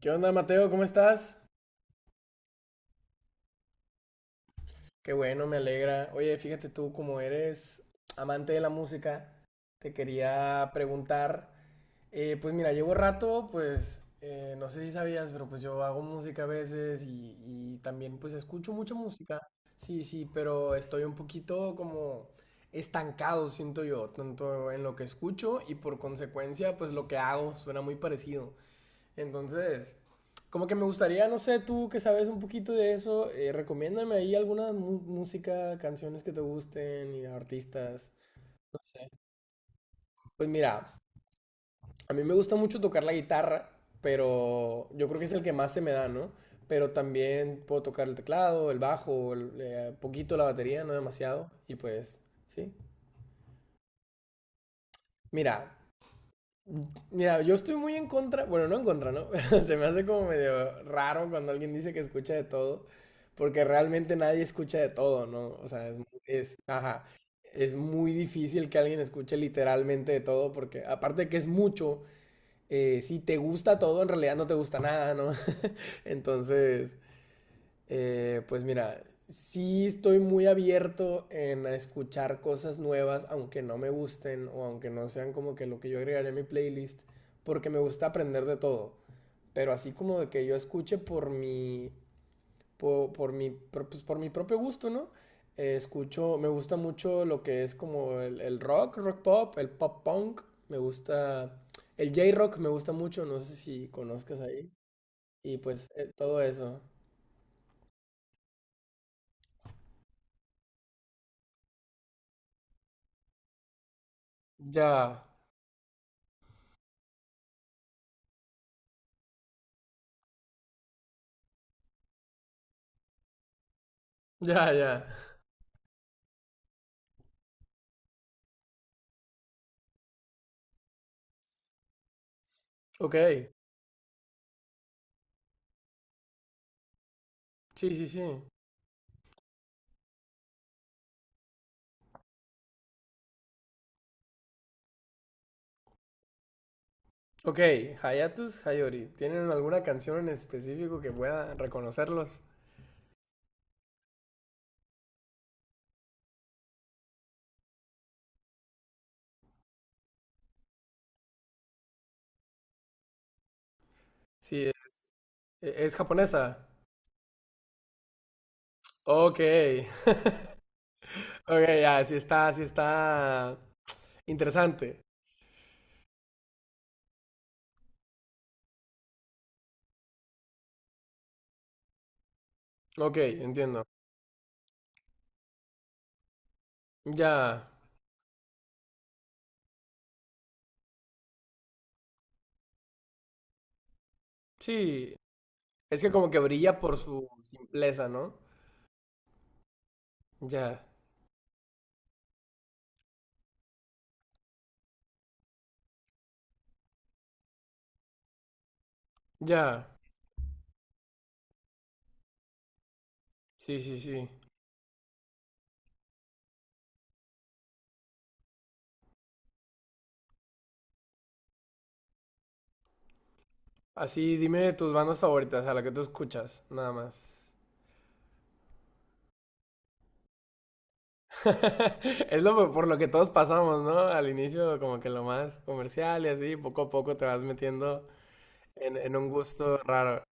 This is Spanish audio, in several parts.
¿Qué onda, Mateo? ¿Cómo estás? Qué bueno, me alegra. Oye, fíjate tú, como eres amante de la música, te quería preguntar, pues mira, llevo rato, no sé si sabías, pero pues yo hago música a veces y también pues escucho mucha música, sí, sí, pero estoy un poquito como estancado, siento yo, tanto en lo que escucho y por consecuencia pues lo que hago suena muy parecido. Entonces, como que me gustaría, no sé, tú que sabes un poquito de eso, recomiéndame ahí alguna música, canciones que te gusten y artistas, no sé. Pues mira, a mí me gusta mucho tocar la guitarra, pero yo creo que es el que más se me da, ¿no? Pero también puedo tocar el teclado, el bajo, poquito la batería, no demasiado, y pues, sí. Mira, Mira, yo estoy muy en contra, bueno, no en contra, ¿no? Se me hace como medio raro cuando alguien dice que escucha de todo, porque realmente nadie escucha de todo, ¿no? O sea, ajá, es muy difícil que alguien escuche literalmente de todo, porque aparte de que es mucho, si te gusta todo, en realidad no te gusta nada, ¿no? Entonces, pues mira, sí estoy muy abierto en a escuchar cosas nuevas, aunque no me gusten o aunque no sean como que lo que yo agregaría a mi playlist, porque me gusta aprender de todo. Pero así como de que yo escuche por mi propio gusto, ¿no? Escucho, me gusta mucho lo que es como el rock, rock pop, el pop punk. Me gusta, el J-rock me gusta mucho, no sé si conozcas ahí. Y pues todo eso. Ya, ya, ya. Ok, sí, sí, sí. Ok, Hayatus Hayori. ¿Tienen alguna canción en específico que pueda reconocerlos? Sí, es, es japonesa. Ok, ok, ya, sí está interesante. Ok, entiendo. Ya, sí, es que como que brilla por su simpleza, ¿no? Ya, ya, sí, sí, sí. Así, dime tus bandas favoritas, a la que tú escuchas, nada más. Es lo por lo que todos pasamos, ¿no? Al inicio como que lo más comercial y así, poco a poco te vas metiendo en un gusto raro.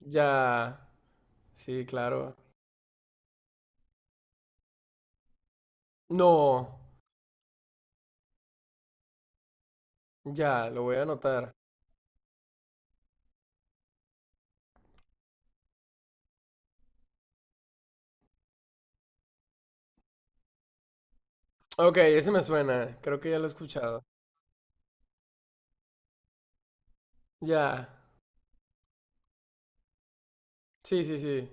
Ya, sí, claro. No, ya, lo voy a anotar. Ok, ese me suena, creo que ya lo he escuchado. Ya, sí, sí, sí.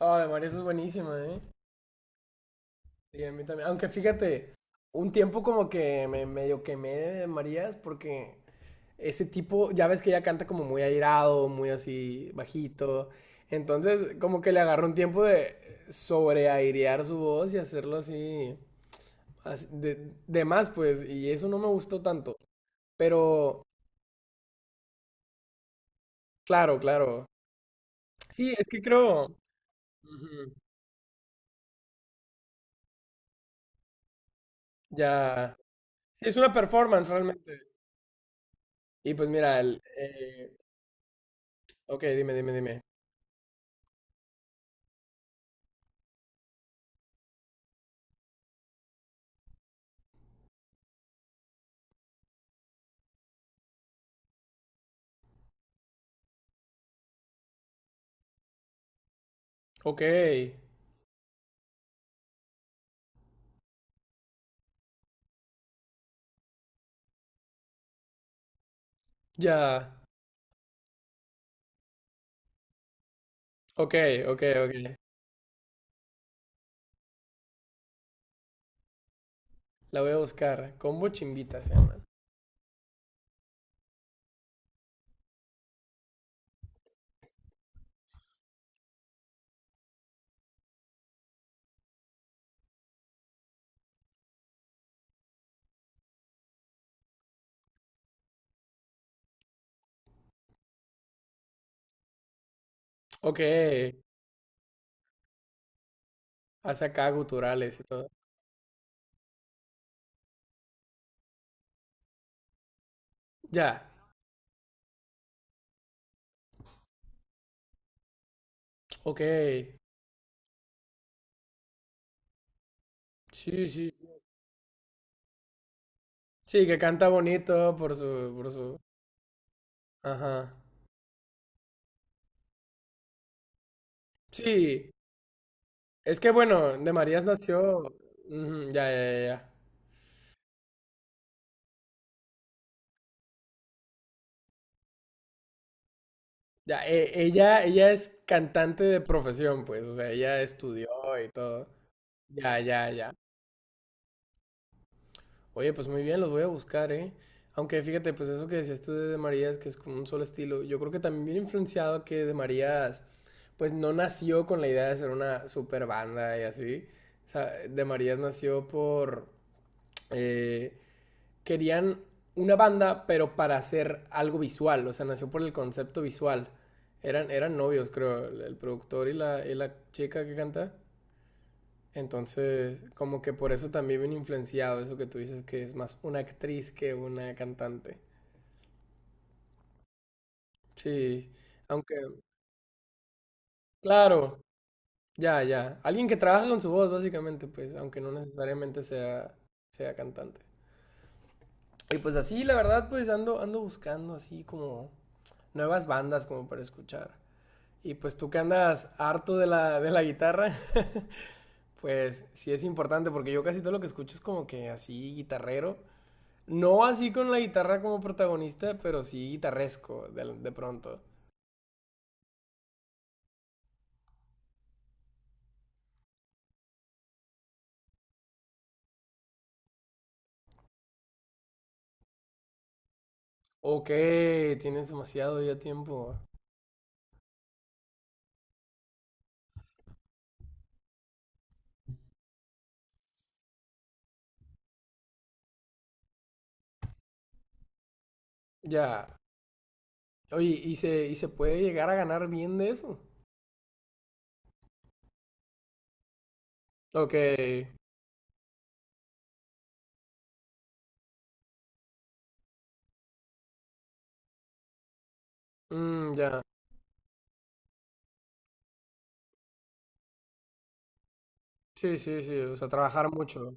Ah, de María, eso es buenísima, ¿eh? Sí, a mí también. Aunque fíjate, un tiempo como que me medio quemé de Marías porque ese tipo, ya ves que ella canta como muy airado, muy así bajito. Entonces, como que le agarró un tiempo de sobreairear su voz y hacerlo así, de más, pues, y eso no me gustó tanto. Pero, claro, claro. Sí, es que creo, ujú, ya, sí, es una performance realmente. Y pues mira, ok, dime, dime, dime. Ok, ya, ok, ok, ok. La voy a buscar. Combo Chimbita se llama. Ok, hace acá guturales y todo. Ya, ok. Sí, sí. Sí, sí, que canta bonito por su, por su. Ajá. Sí, es que bueno, de Marías nació. Ujú, ya, ya, ya. Ya, ya, ella, ella es cantante de profesión, pues. O sea, ella estudió y todo. Ya, ya, ya. Oye, pues muy bien, los voy a buscar, ¿eh? Aunque fíjate, pues eso que decías tú de De Marías, que es como un solo estilo, yo creo que también viene influenciado que De Marías, pues no nació con la idea de ser una super banda y así. O sea, De Marías nació por... eh, querían una banda, pero para hacer algo visual, o sea, nació por el concepto visual. Eran novios, creo, el productor y y la chica que canta. Entonces, como que por eso también viene influenciado eso que tú dices que es más una actriz que una cantante. Sí, aunque, claro, ya, ya. Alguien que trabaja con su voz, básicamente, pues, aunque no necesariamente sea, sea cantante. Y pues así, la verdad, pues ando, ando buscando así como nuevas bandas como para escuchar. Y pues tú que andas harto de de la guitarra, pues sí es importante porque yo casi todo lo que escucho es como que así guitarrero. No así con la guitarra como protagonista, pero sí guitarresco de pronto. Ok, tienes demasiado ya tiempo. Ya. Oye, ¿y y se puede llegar a ganar bien de eso? Ok. Mm, ya. Sí, sí, sí. O sea, trabajar mucho.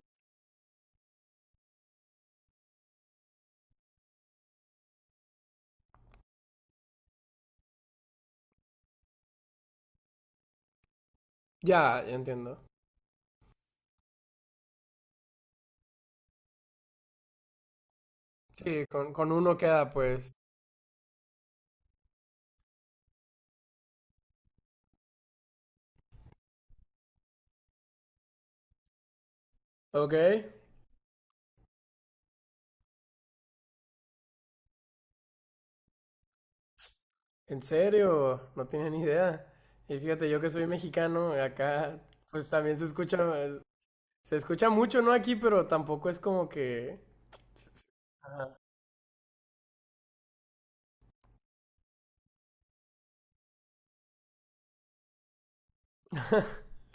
Ya, ya entiendo. Sí, con uno queda pues. Ok. ¿En serio? No tienen ni idea. Y fíjate, yo que soy mexicano, acá pues también se escucha, se escucha mucho, ¿no? Aquí, pero tampoco es como que... Ajá.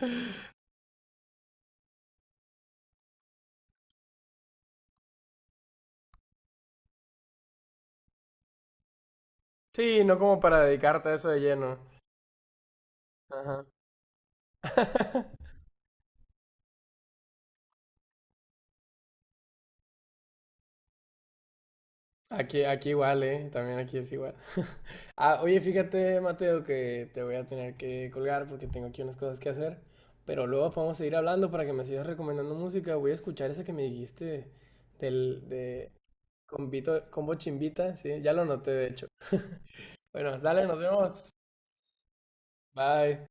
Sí, no como para dedicarte a eso de lleno. Ajá. Aquí, aquí igual, ¿eh? También aquí es igual. Ah, oye, fíjate, Mateo, que te voy a tener que colgar porque tengo aquí unas cosas que hacer. Pero luego podemos seguir hablando para que me sigas recomendando música. Voy a escuchar esa que me dijiste del, de Combito, Combo Chimbita, sí, ya lo noté de hecho. Bueno, dale, nos vemos. Bye.